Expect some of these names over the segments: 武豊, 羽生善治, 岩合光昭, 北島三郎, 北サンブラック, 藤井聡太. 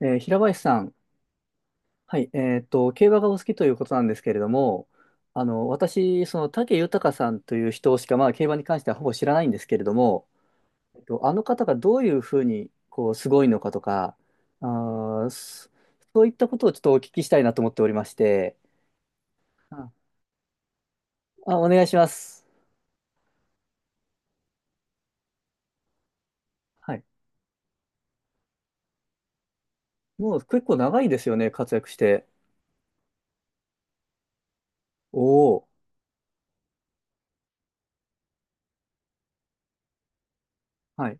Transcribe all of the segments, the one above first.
平林さん、はい、競馬がお好きということなんですけれども、私、武豊さんという人しか、競馬に関してはほぼ知らないんですけれども、あの方がどういうふうに、すごいのかとか、あー、そそういったことをちょっとお聞きしたいなと思っておりまして、あ、あお願いします。はい。もう結構長いですよね、活躍して。おお、はい。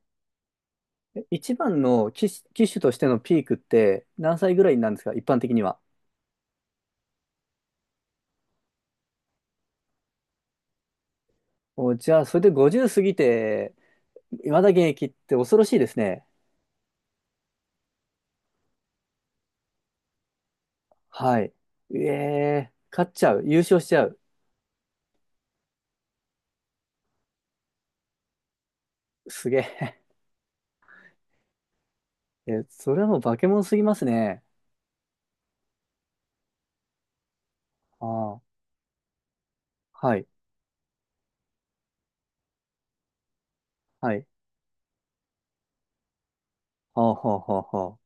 え一番の騎手、騎手としてのピークって何歳ぐらいなんですか、一般的には。お、じゃあ、それで50過ぎて、まだ現役って恐ろしいですね。はい。ええ勝っちゃう。優勝しちゃう。すげえ。え、それはもう化け物すぎますね。ああ、はい、はい。はあ、はあ、はあ、は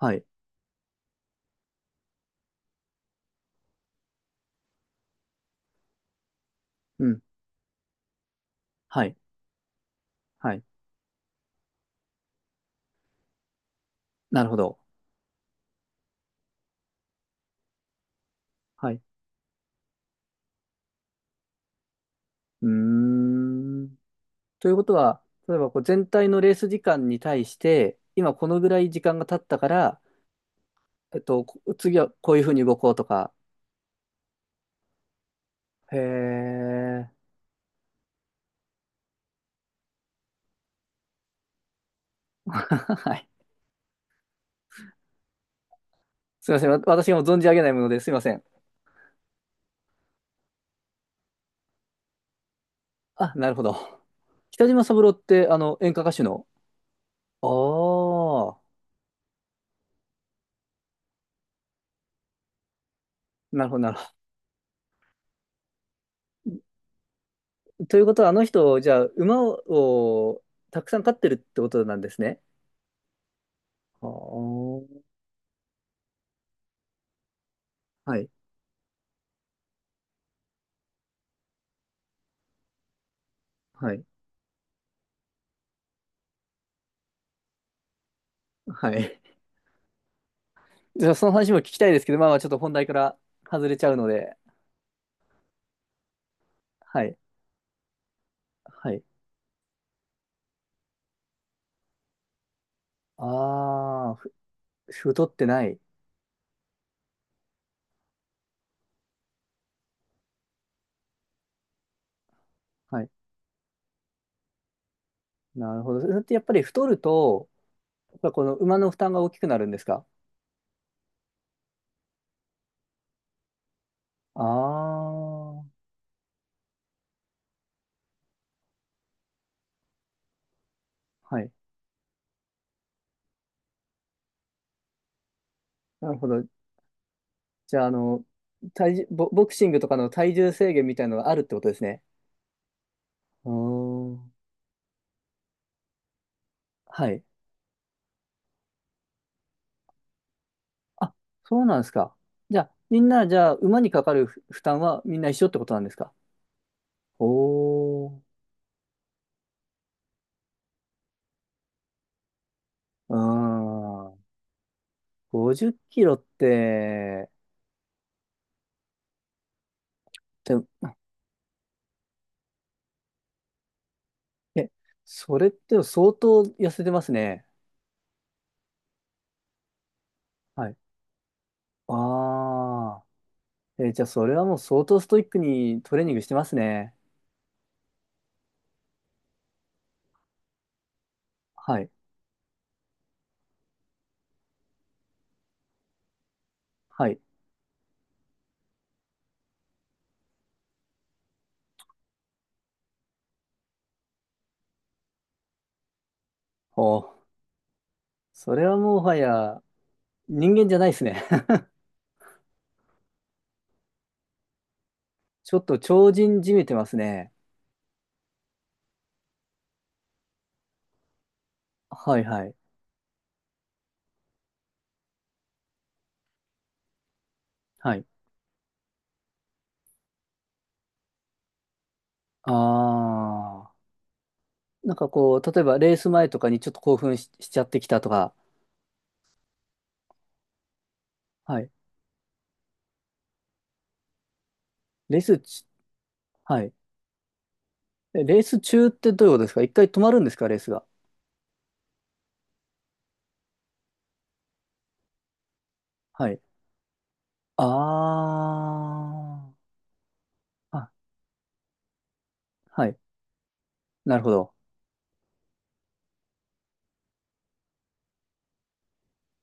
あ。はい。うん。はい、はい。なるほど。はい。うーん。ということは、例えばこう全体のレース時間に対して、今このぐらい時間が経ったから、こ次はこういうふうに動こうとか。へえ。はい。すいません。わ私がもう存じ上げないものですいません。あ、なるほど。北島三郎って、演歌歌手の。ああ、なるほど、なるほど。ということは、あの人、じゃあ、馬をたくさん飼ってるってことなんですね。ああ、はい、はい、はい。じゃあ、その話も聞きたいですけど、まあまあ、ちょっと本題から外れちゃうので。はい、はい。ああ、ふ太ってない。はい、なるほど。それってやっぱり太ると、やっぱこの馬の負担が大きくなるんですか？ああー、はい。なるほど。じゃあ、体重、ボ、ボクシングとかの体重制限みたいなのがあるってことですね。おーはい。あ、そうなんですか。じゃあ、みんな、じゃあ、馬にかかる負負担はみんな一緒ってことなんですか。おー。うーん。50キロって、でも、え、それって相当痩せてますね。はい。ああ。え、じゃあ、それはもう相当ストイックにトレーニングしてますね。はい。はい。おー。それはもはや、人間じゃないですね。ちょっと超人じみてますね。はいはい。はい。ああ。なんかこう、例えばレース前とかにちょっと興奮し、しちゃってきたとか。はい。レースち、はい。えレース中ってどういうことですか？一回止まるんですか？レースが。はい。ああ。あ、はい。なるほど。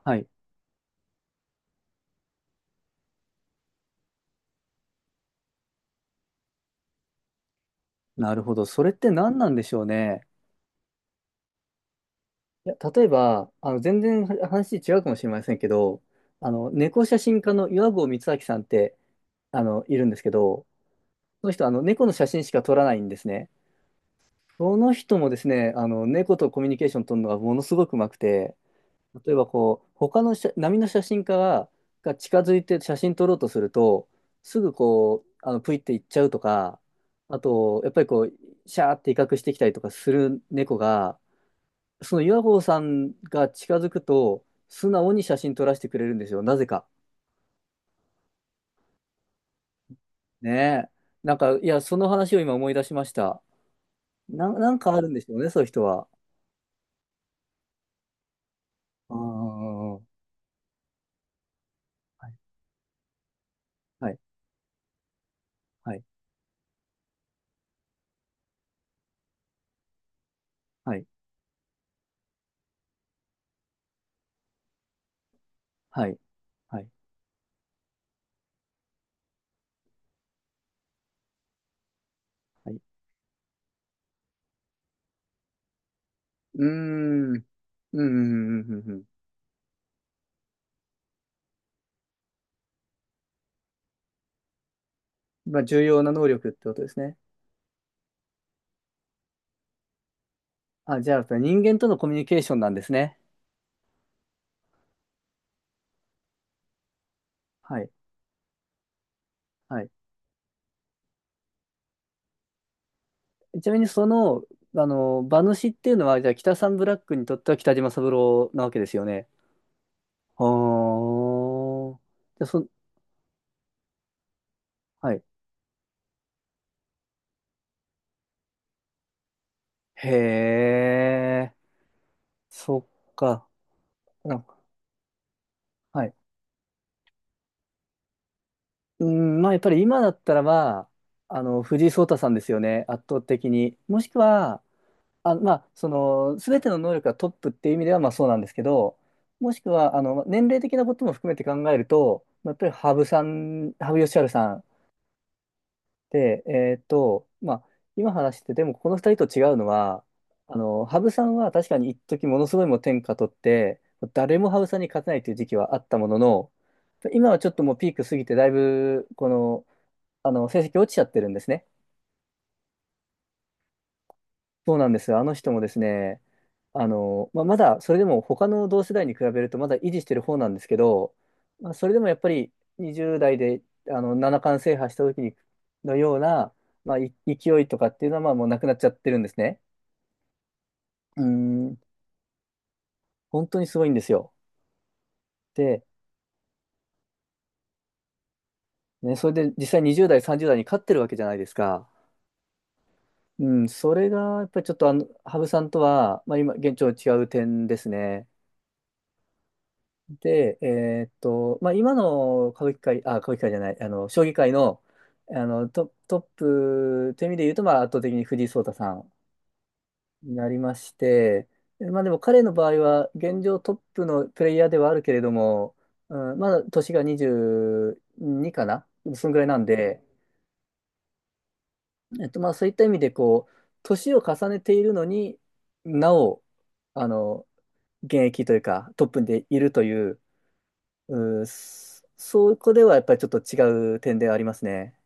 はい。なるほど。それって何なんでしょうね。いや、例えば、全然話違うかもしれませんけど、猫写真家の岩合光昭さんって、いるんですけど、その人、猫の写真しか撮らないんですね。その人もですね、猫とコミュニケーション取るのがものすごくうまくて、例えばこう、他の写波の写真家が、が近づいて写真撮ろうとすると、すぐこう、プイって行っちゃうとか、あと、やっぱりこう、シャーって威嚇してきたりとかする猫が、その岩合さんが近づくと、素直に写真撮らせてくれるんですよ、なぜか。ねえ。なんか、いや、その話を今思い出しました。な、なんかあるんでしょうね、そういう人は。ああ、はい、はい、はい、はい、はい、はい。はいうーん、うん、うん、うん、うん。うんまあ、重要な能力ってことですね。あ、じゃあ、人間とのコミュニケーションなんですね。はい、はい。ちなみに、馬主っていうのは、じゃあ、北サンブラックにとっては北島三郎なわけですよね。ああ、じゃあ、そ、はい。へえ、そっか。うんはいうん、まあやっぱり今だったらまあの、藤井聡太さんですよね、圧倒的に。もしくは、あ、すべての能力がトップっていう意味ではまあそうなんですけど、もしくは、年齢的なことも含めて考えると、まあやっぱり羽生さん、羽生善治さんで、まあ、今話してて、でもこの二人と違うのは、羽生さんは確かに一時ものすごいもう天下取って、誰も羽生さんに勝てないという時期はあったものの、今はちょっともうピーク過ぎて、だいぶ、この、あの、成績落ちちゃってるんですね。そうなんですよ。あの人もですね、まあ、まだ、それでも他の同世代に比べるとまだ維持してる方なんですけど、まあ、それでもやっぱり20代で、七冠制覇した時にのような、まあ、い勢いとかっていうのは、まあ、もうなくなっちゃってるんですね。うーん、本当にすごいんですよ。で、ね、それで実際20代、30代に勝ってるわけじゃないですか。うん、それが、やっぱりちょっと、羽生さんとは、まあ、今、現状違う点ですね。で、まあ、今の歌舞伎界、あ、歌舞伎界じゃない、将棋界の、ト、トップという意味で言うと、まあ、圧倒的に藤井聡太さんになりまして、まあ、でも彼の場合は、現状トップのプレイヤーではあるけれども、うん、まだ年が22かな、そのぐらいなんで、まあ、そういった意味で、こう、年を重ねているのになお、あの、現役というか、トップでいるという、うん、そそこではやっぱりちょっと違う点ではありますね。